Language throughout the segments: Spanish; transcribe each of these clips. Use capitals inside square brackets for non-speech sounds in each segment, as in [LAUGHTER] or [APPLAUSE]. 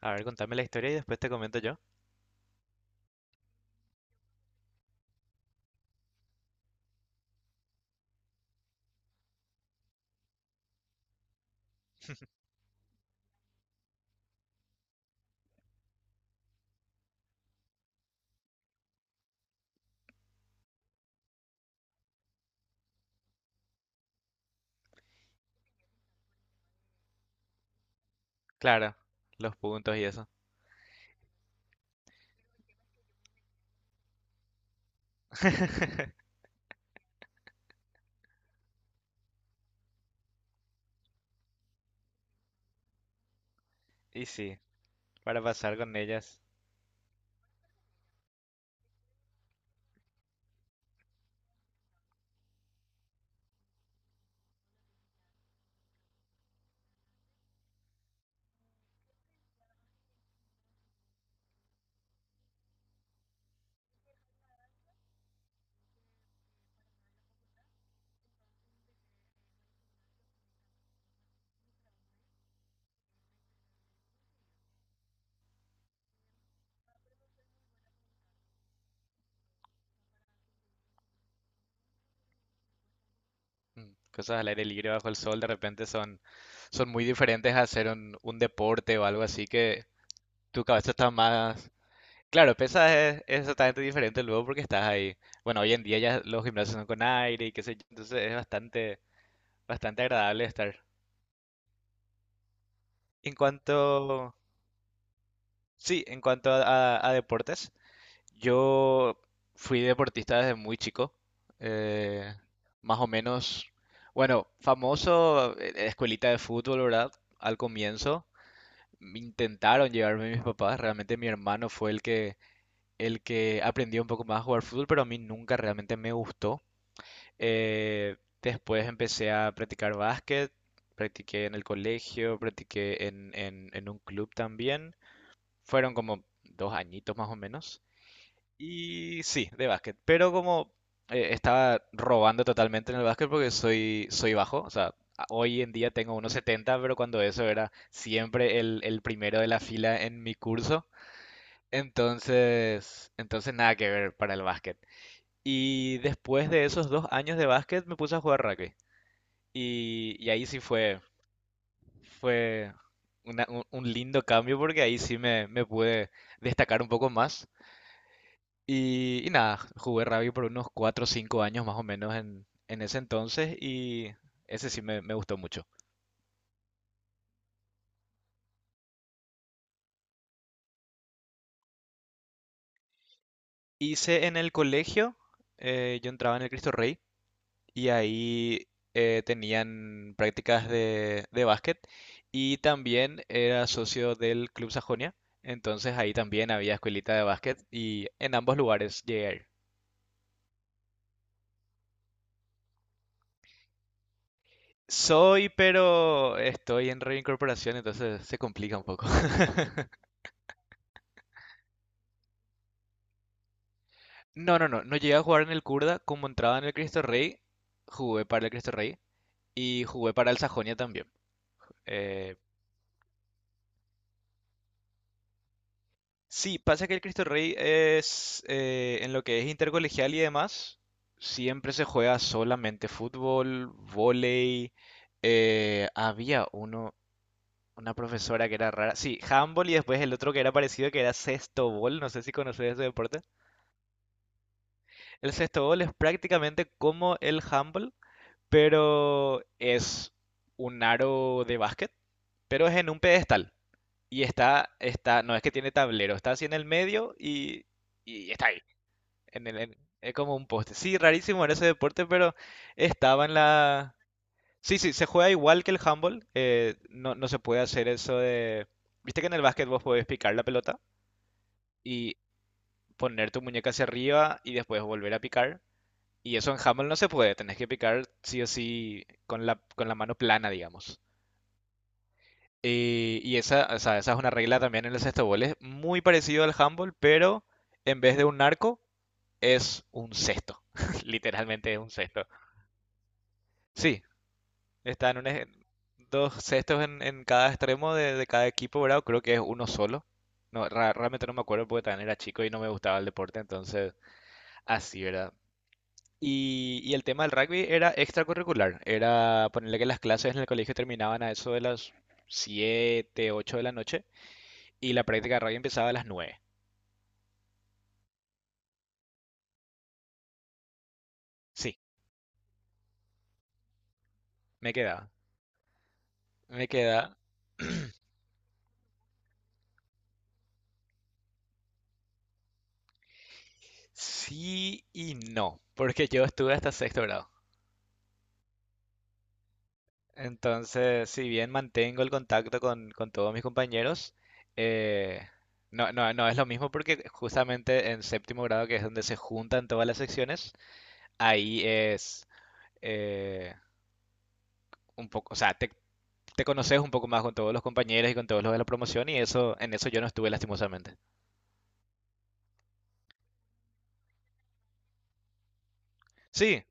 A ver, contame la historia y después te comento yo. Claro, los puntos y eso. [LAUGHS] Y sí, para pasar con ellas. mm, Cosas al aire libre bajo el sol de repente son, son muy diferentes a hacer un deporte o algo así que tu cabeza está más... Claro, pesas es totalmente diferente luego porque estás ahí. Bueno, hoy en día ya los gimnasios son con aire y qué sé yo, entonces es bastante, bastante agradable estar. En cuanto, sí, en cuanto a, a deportes, yo fui deportista desde muy chico, eh, más o menos, bueno, famoso, escuelita de fútbol, ¿verdad? Al comienzo intentaron llevarme mis papás, realmente mi hermano fue el que aprendió un poco más a jugar fútbol, pero a mí nunca realmente me gustó. Eh, Después empecé a practicar básquet, practiqué en el colegio, practiqué en, en un club también. Fueron como dos añitos más o menos. Y sí, de básquet. Pero como estaba robando totalmente en el básquet porque soy, soy bajo. O sea, hoy en día tengo unos 1,70 pero cuando eso era siempre el primero de la fila en mi curso. Entonces, entonces nada que ver para el básquet. Y después de esos dos años de básquet me puse a jugar rugby. Y ahí sí fue, fue un lindo cambio porque ahí sí me pude destacar un poco más. Y nada, jugué rugby por unos 4 o 5 años más o menos en ese entonces y ese sí me gustó mucho. Hice en el colegio, yo entraba en el Cristo Rey y ahí tenían prácticas de básquet y también era socio del Club Sajonia, entonces ahí también había escuelita de básquet y en ambos lugares llegué a ir. Soy, pero estoy en reincorporación, entonces se complica un poco. No, no, no, no llegué a jugar en el Kurda, como entraba en el Cristo Rey, jugué para el Cristo Rey y jugué para el Sajonia también. Eh, sí, pasa que el Cristo Rey es, en lo que es intercolegial y demás, siempre se juega solamente fútbol, vóley, había uno, una profesora que era rara, sí, handball y después el otro que era parecido que era sexto, no sé si conoces ese deporte. El sexto es prácticamente como el handball, pero es un aro de básquet, pero es en un pedestal. Y está, está, no es que tiene tablero, está así en el medio y está ahí. Es como un poste. Sí, rarísimo era ese deporte, pero estaba en la... Sí, sí, se juega igual que el handball. No, no se puede hacer eso de... Viste que en el básquet vos podés picar la pelota y poner tu muñeca hacia arriba y después volver a picar. Y eso en handball no se puede, tenés que picar sí o sí con la mano plana, digamos. Y esa, o sea, esa es una regla también en el sexto gol. Es muy parecido al handball, pero en vez de un arco, es un cesto. [LAUGHS] Literalmente es un cesto. Sí, están dos cestos en cada extremo de cada equipo, ¿verdad? Creo que es uno solo. No, realmente no me acuerdo porque también era chico y no me gustaba el deporte, entonces así, ¿verdad? Y el tema del rugby era extracurricular. Era ponerle que las clases en el colegio terminaban a eso de las 7 u 8 de la noche y la práctica de radio empezaba a las 9. Sí, me quedaba. Me quedaba. Sí y no, porque yo estuve hasta sexto grado. Entonces, si bien mantengo el contacto con todos mis compañeros, eh, no, no, no es lo mismo porque justamente en séptimo grado, que es donde se juntan todas las secciones, ahí es eh, un poco, o sea, te conoces un poco más con todos los compañeros y con todos los de la promoción y eso, en eso yo no estuve lastimosamente. Sí,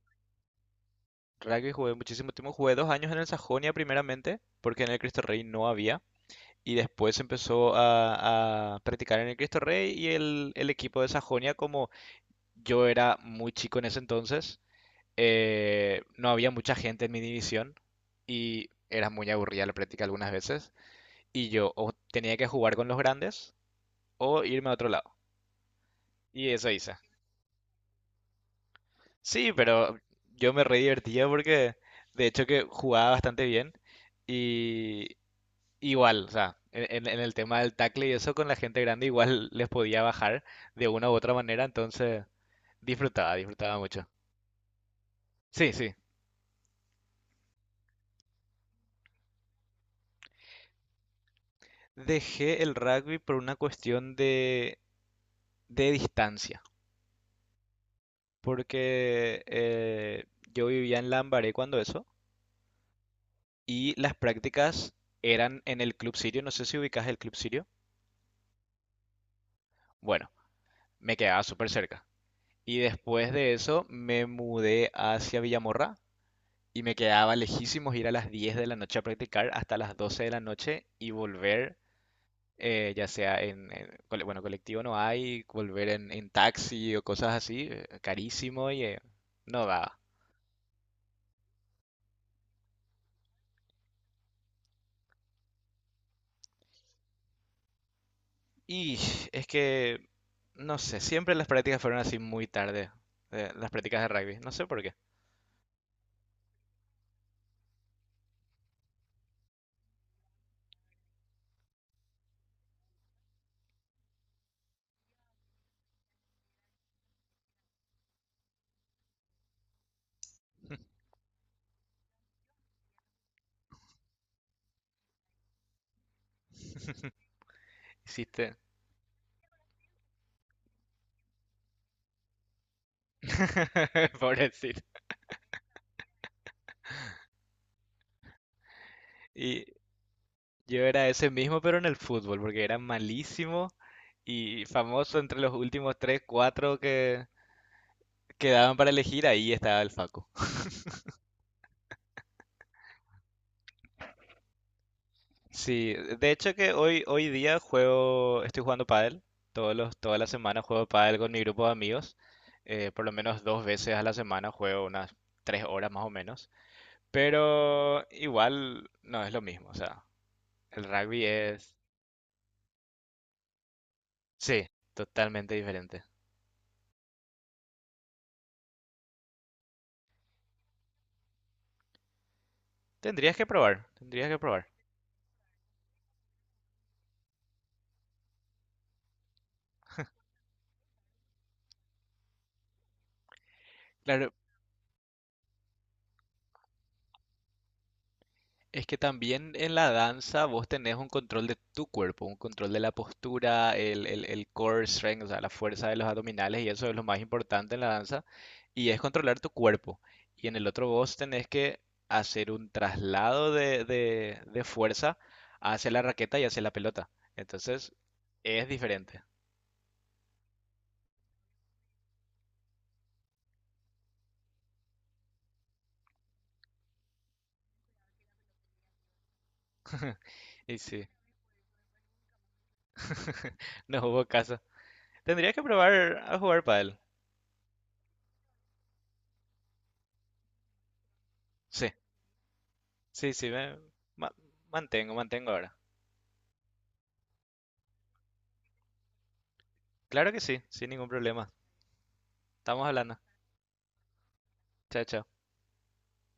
rugby jugué muchísimo tiempo, jugué 2 años en el Sajonia primeramente, porque en el Cristo Rey no había, y después empezó a practicar en el Cristo Rey y el equipo de Sajonia, como yo era muy chico en ese entonces, no había mucha gente en mi división y era muy aburrida la práctica algunas veces, y yo o tenía que jugar con los grandes o irme a otro lado, y eso hice. Sí, pero yo me re divertía porque de hecho que jugaba bastante bien. Y, igual, o sea, en el tema del tackle y eso con la gente grande igual les podía bajar de una u otra manera, entonces disfrutaba, disfrutaba mucho. Sí, sí. Dejé el rugby por una cuestión de distancia, porque yo vivía en Lambaré cuando eso, y las prácticas eran en el Club Sirio, no sé si ubicas el Club Sirio. Bueno, me quedaba súper cerca. Y después de eso me mudé hacia Villamorra. Y me quedaba lejísimos ir a las 10 de la noche a practicar hasta las 12 de la noche y volver, ya sea en, bueno, colectivo no hay, volver en taxi o cosas así, carísimo y no daba. Y es que, no sé, siempre las prácticas fueron así muy tarde, las prácticas de rugby, no sé por qué. [LAUGHS] Hiciste. [LAUGHS] Pobrecito. Y yo era ese mismo, pero en el fútbol, porque era malísimo y famoso entre los últimos tres, cuatro que quedaban para elegir, ahí estaba el Facu. Sí, de hecho que hoy, hoy día juego, estoy jugando pádel, todos los, toda la semana juego pádel con mi grupo de amigos, por lo menos 2 veces a la semana juego unas 3 horas más o menos, pero igual no es lo mismo, o sea, el rugby es, sí, totalmente diferente. Tendrías que probar, tendrías que probar. Claro, es que también en la danza vos tenés un control de tu cuerpo, un control de la postura, el core strength, o sea, la fuerza de los abdominales y eso es lo más importante en la danza y es controlar tu cuerpo. Y en el otro vos tenés que hacer un traslado de fuerza hacia la raqueta y hacia la pelota. Entonces es diferente. [LAUGHS] Y sí, [LAUGHS] no hubo caso. Tendría que probar a jugar pádel. Sí, sí, sí, me ma- mantengo, mantengo ahora. Claro que sí, sin ningún problema. Estamos hablando. Chao, chao.